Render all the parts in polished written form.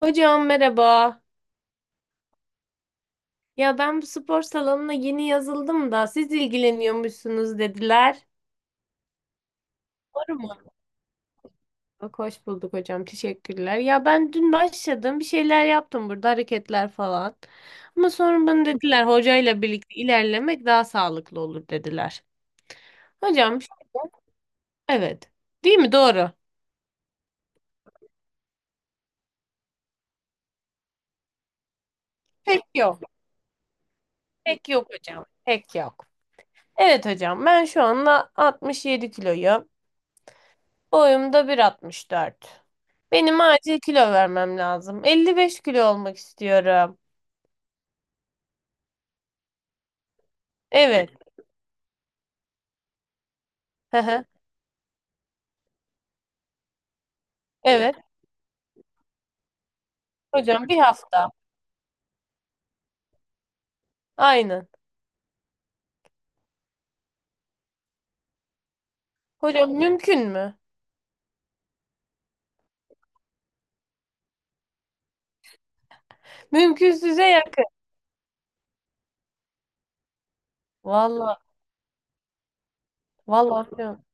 Hocam merhaba. Ya ben bu spor salonuna yeni yazıldım da siz ilgileniyormuşsunuz dediler. Doğru mu? Bak, hoş bulduk hocam. Teşekkürler. Ya ben dün başladım. Bir şeyler yaptım burada hareketler falan. Ama sonra bana dediler hocayla birlikte ilerlemek daha sağlıklı olur dediler. Hocam şöyle- evet. Değil mi? Doğru. Pek yok. Pek yok hocam. Pek yok. Evet hocam, ben şu anda 67 kiloyum. Boyum da 1,64. Benim acil kilo vermem lazım. 55 kilo olmak istiyorum. Evet. Hı hı. Evet. Hocam, bir hafta. Aynen. Hocam, mümkün mü? Mümkünsüze yakın. Vallahi, vallahi diyorum.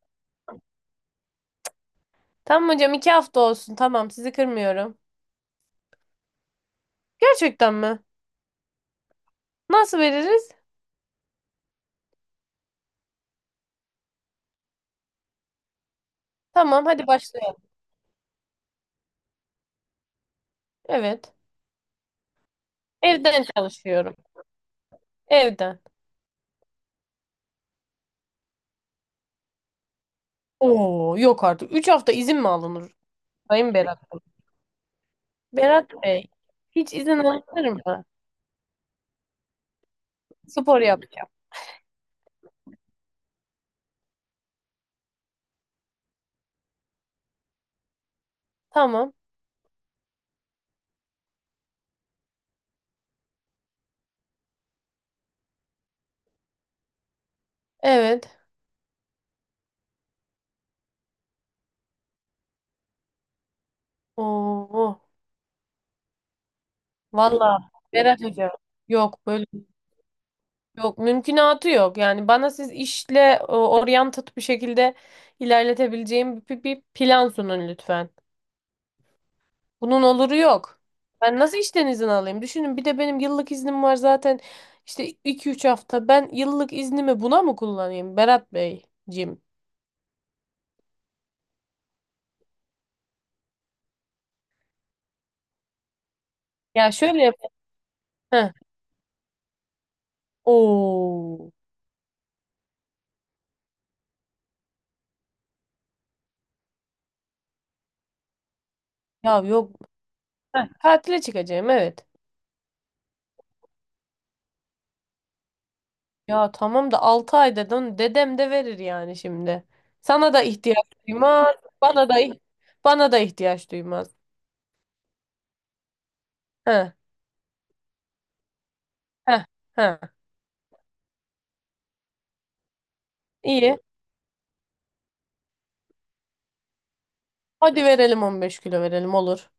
Tamam hocam, 2 hafta olsun. Tamam, sizi kırmıyorum. Gerçekten mi? Nasıl veririz? Tamam, hadi başlayalım. Evet. Evden çalışıyorum. Evden. Oo, yok artık. 3 hafta izin mi alınır? Sayın Berat Bey. Berat Bey. Hiç izin alınır mı? Spor yapacağım. Tamam. Evet. Oo, valla Berat Hocam. Yok böyle, yok mümkünatı yok. Yani bana siz işle oryantat bir şekilde ilerletebileceğim bir plan sunun lütfen. Bunun oluru yok. Ben nasıl işten izin alayım? Düşünün bir de benim yıllık iznim var zaten, işte 2-3 hafta. Ben yıllık iznimi buna mı kullanayım Berat Beyciğim? Ya şöyle yap. Heh. Oo. Ya yok. Heh, tatile çıkacağım, evet. Ya tamam da 6 ay dedin. Dedem de verir yani şimdi. Sana da ihtiyaç duymaz. Bana da bana da ihtiyaç duymaz. He, he, he. İyi. Hadi verelim, 15 kg verelim, olur.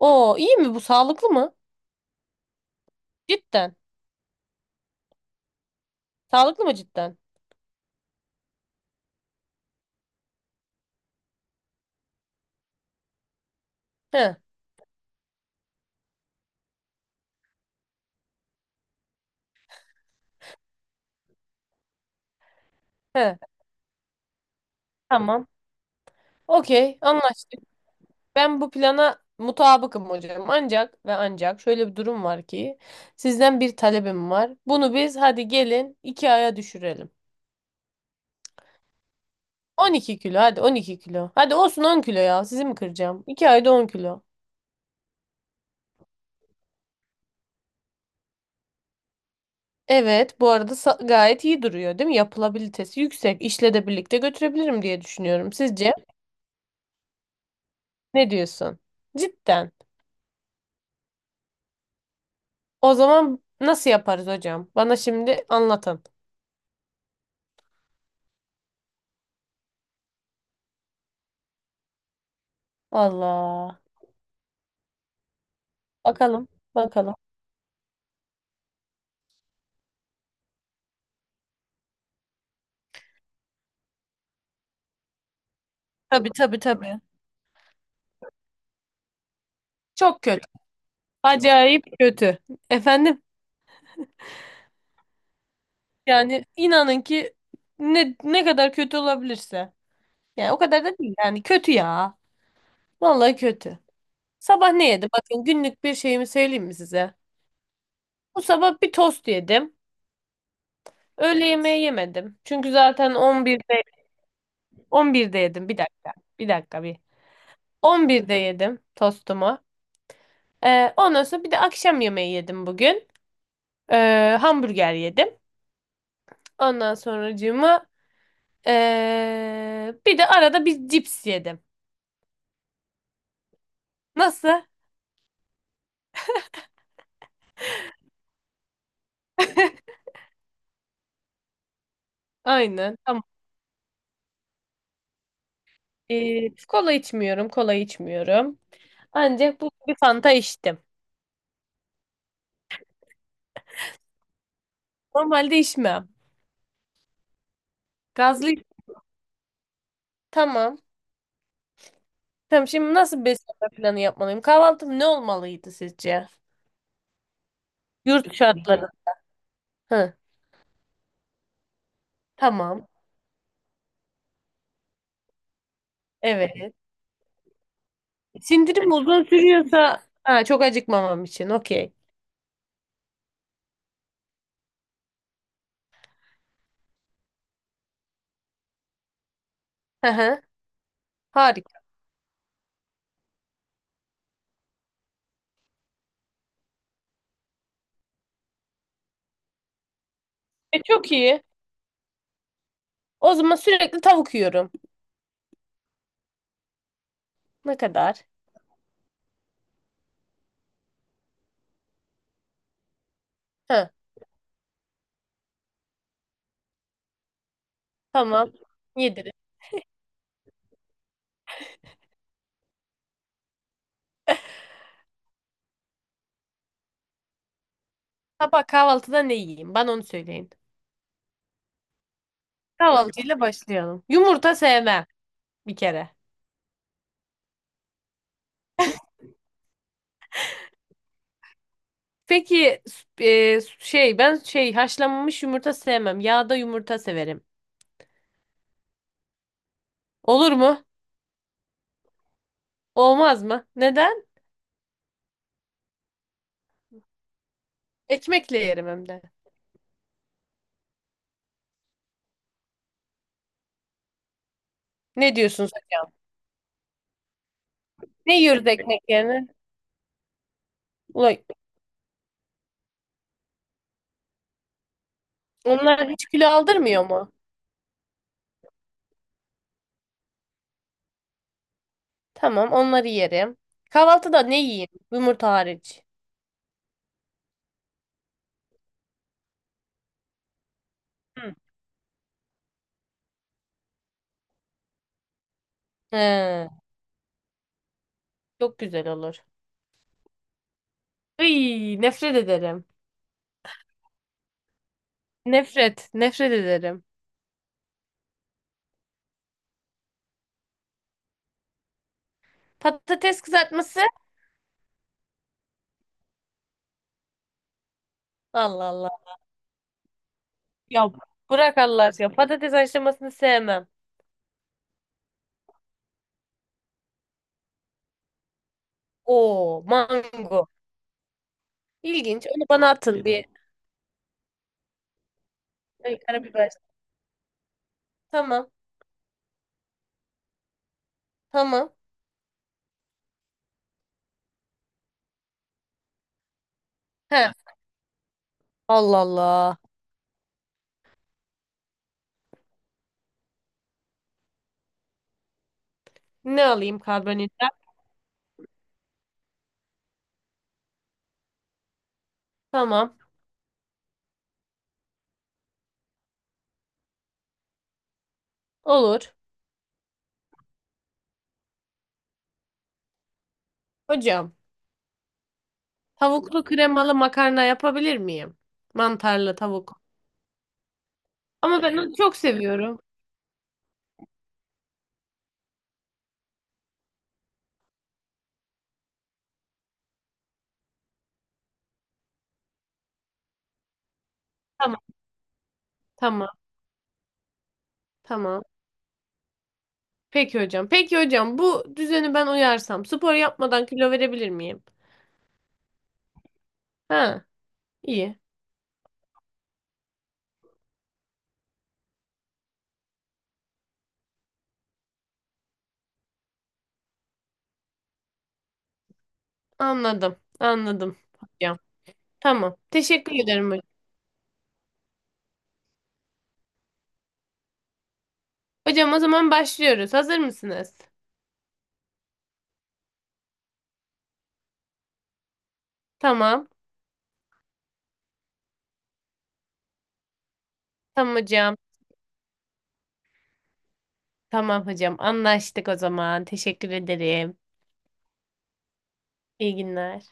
Oo, iyi mi bu, sağlıklı mı? Cidden. Sağlıklı mı cidden? He, he. Tamam. Okey, anlaştık. Ben bu plana mutabıkım hocam. Ancak ve ancak şöyle bir durum var ki, sizden bir talebim var. Bunu biz hadi gelin 2 aya düşürelim. 12 kg, hadi 12 kg. Hadi olsun 10 kg ya. Sizi mi kıracağım? 2 ayda 10 kg. Evet bu arada sa- gayet iyi duruyor değil mi? Yapılabilitesi yüksek. İşle de birlikte götürebilirim diye düşünüyorum. Sizce ne diyorsun? Cidden. O zaman nasıl yaparız hocam? Bana şimdi anlatın. Allah. Bakalım. Bakalım. Tabii tabii tabii. Çok kötü. Acayip kötü. Efendim, yani inanın ki ne kadar kötü olabilirse. Yani o kadar da değil yani, kötü ya. Vallahi kötü. Sabah ne yedim? Bakın, günlük bir şeyimi söyleyeyim mi size? Bu sabah bir tost yedim. Öğle yemeği yemedim. Çünkü zaten 11'de yedim. Bir dakika. Bir dakika bir. 11'de yedim tostumu. Ondan sonra bir de akşam yemeği yedim bugün. Hamburger yedim. Ondan sonracığıma bir de arada bir cips yedim. Nasıl? Aynen. Tamam. Kola içmiyorum. Kola içmiyorum. Ancak bu bir Fanta içtim. Normalde içmem. Gazlı. Tamam. Tamam, şimdi nasıl bir beslenme planı yapmalıyım? Kahvaltım ne olmalıydı sizce? Yurt şartları. Hı, tamam. Evet. Sindirim uzun sürüyorsa ha, çok acıkmamam için. Okey. Hı hı. Harika. E, çok iyi. O zaman sürekli tavuk yiyorum. Ne kadar? Hı, tamam. Yedirim. Sabah kahvaltıda ne yiyeyim? Bana onu söyleyin. Kahvaltıyla başlayalım. Yumurta sevmem bir kere. Peki ben şey haşlanmış yumurta sevmem. Yağda yumurta severim. Olur mu? Olmaz mı? Neden? Ekmekle yerim hem de. Ne diyorsunuz hocam? Ne yiyoruz ekmek yerine? Ulan, onlar hiç kilo aldırmıyor mu? Tamam, onları yerim. Kahvaltıda ne yiyeyim? Yumurta hariç. Hı. He, çok güzel olur. Iy, nefret ederim. Nefret ederim. Patates kızartması? Allah Allah. Ya bırak Allah aşkına. Patates haşlamasını sevmem. Oo, mango. İlginç. Onu bana atın bir. Ay, karabiber. Tamam, tamam. He, Allah Allah. Ne alayım karbonhidrat? Tamam. Olur. Hocam, tavuklu kremalı makarna yapabilir miyim? Mantarlı tavuk. Ama ben onu çok seviyorum. Tamam, tamam, tamam. Peki hocam. Peki hocam, bu düzeni ben uyarsam spor yapmadan kilo verebilir miyim? Ha, iyi. Anladım. Anladım hocam. Tamam. Teşekkür ederim hocam. Hocam, o zaman başlıyoruz. Hazır mısınız? Tamam. Tamam hocam. Tamam hocam. Anlaştık o zaman. Teşekkür ederim. İyi günler.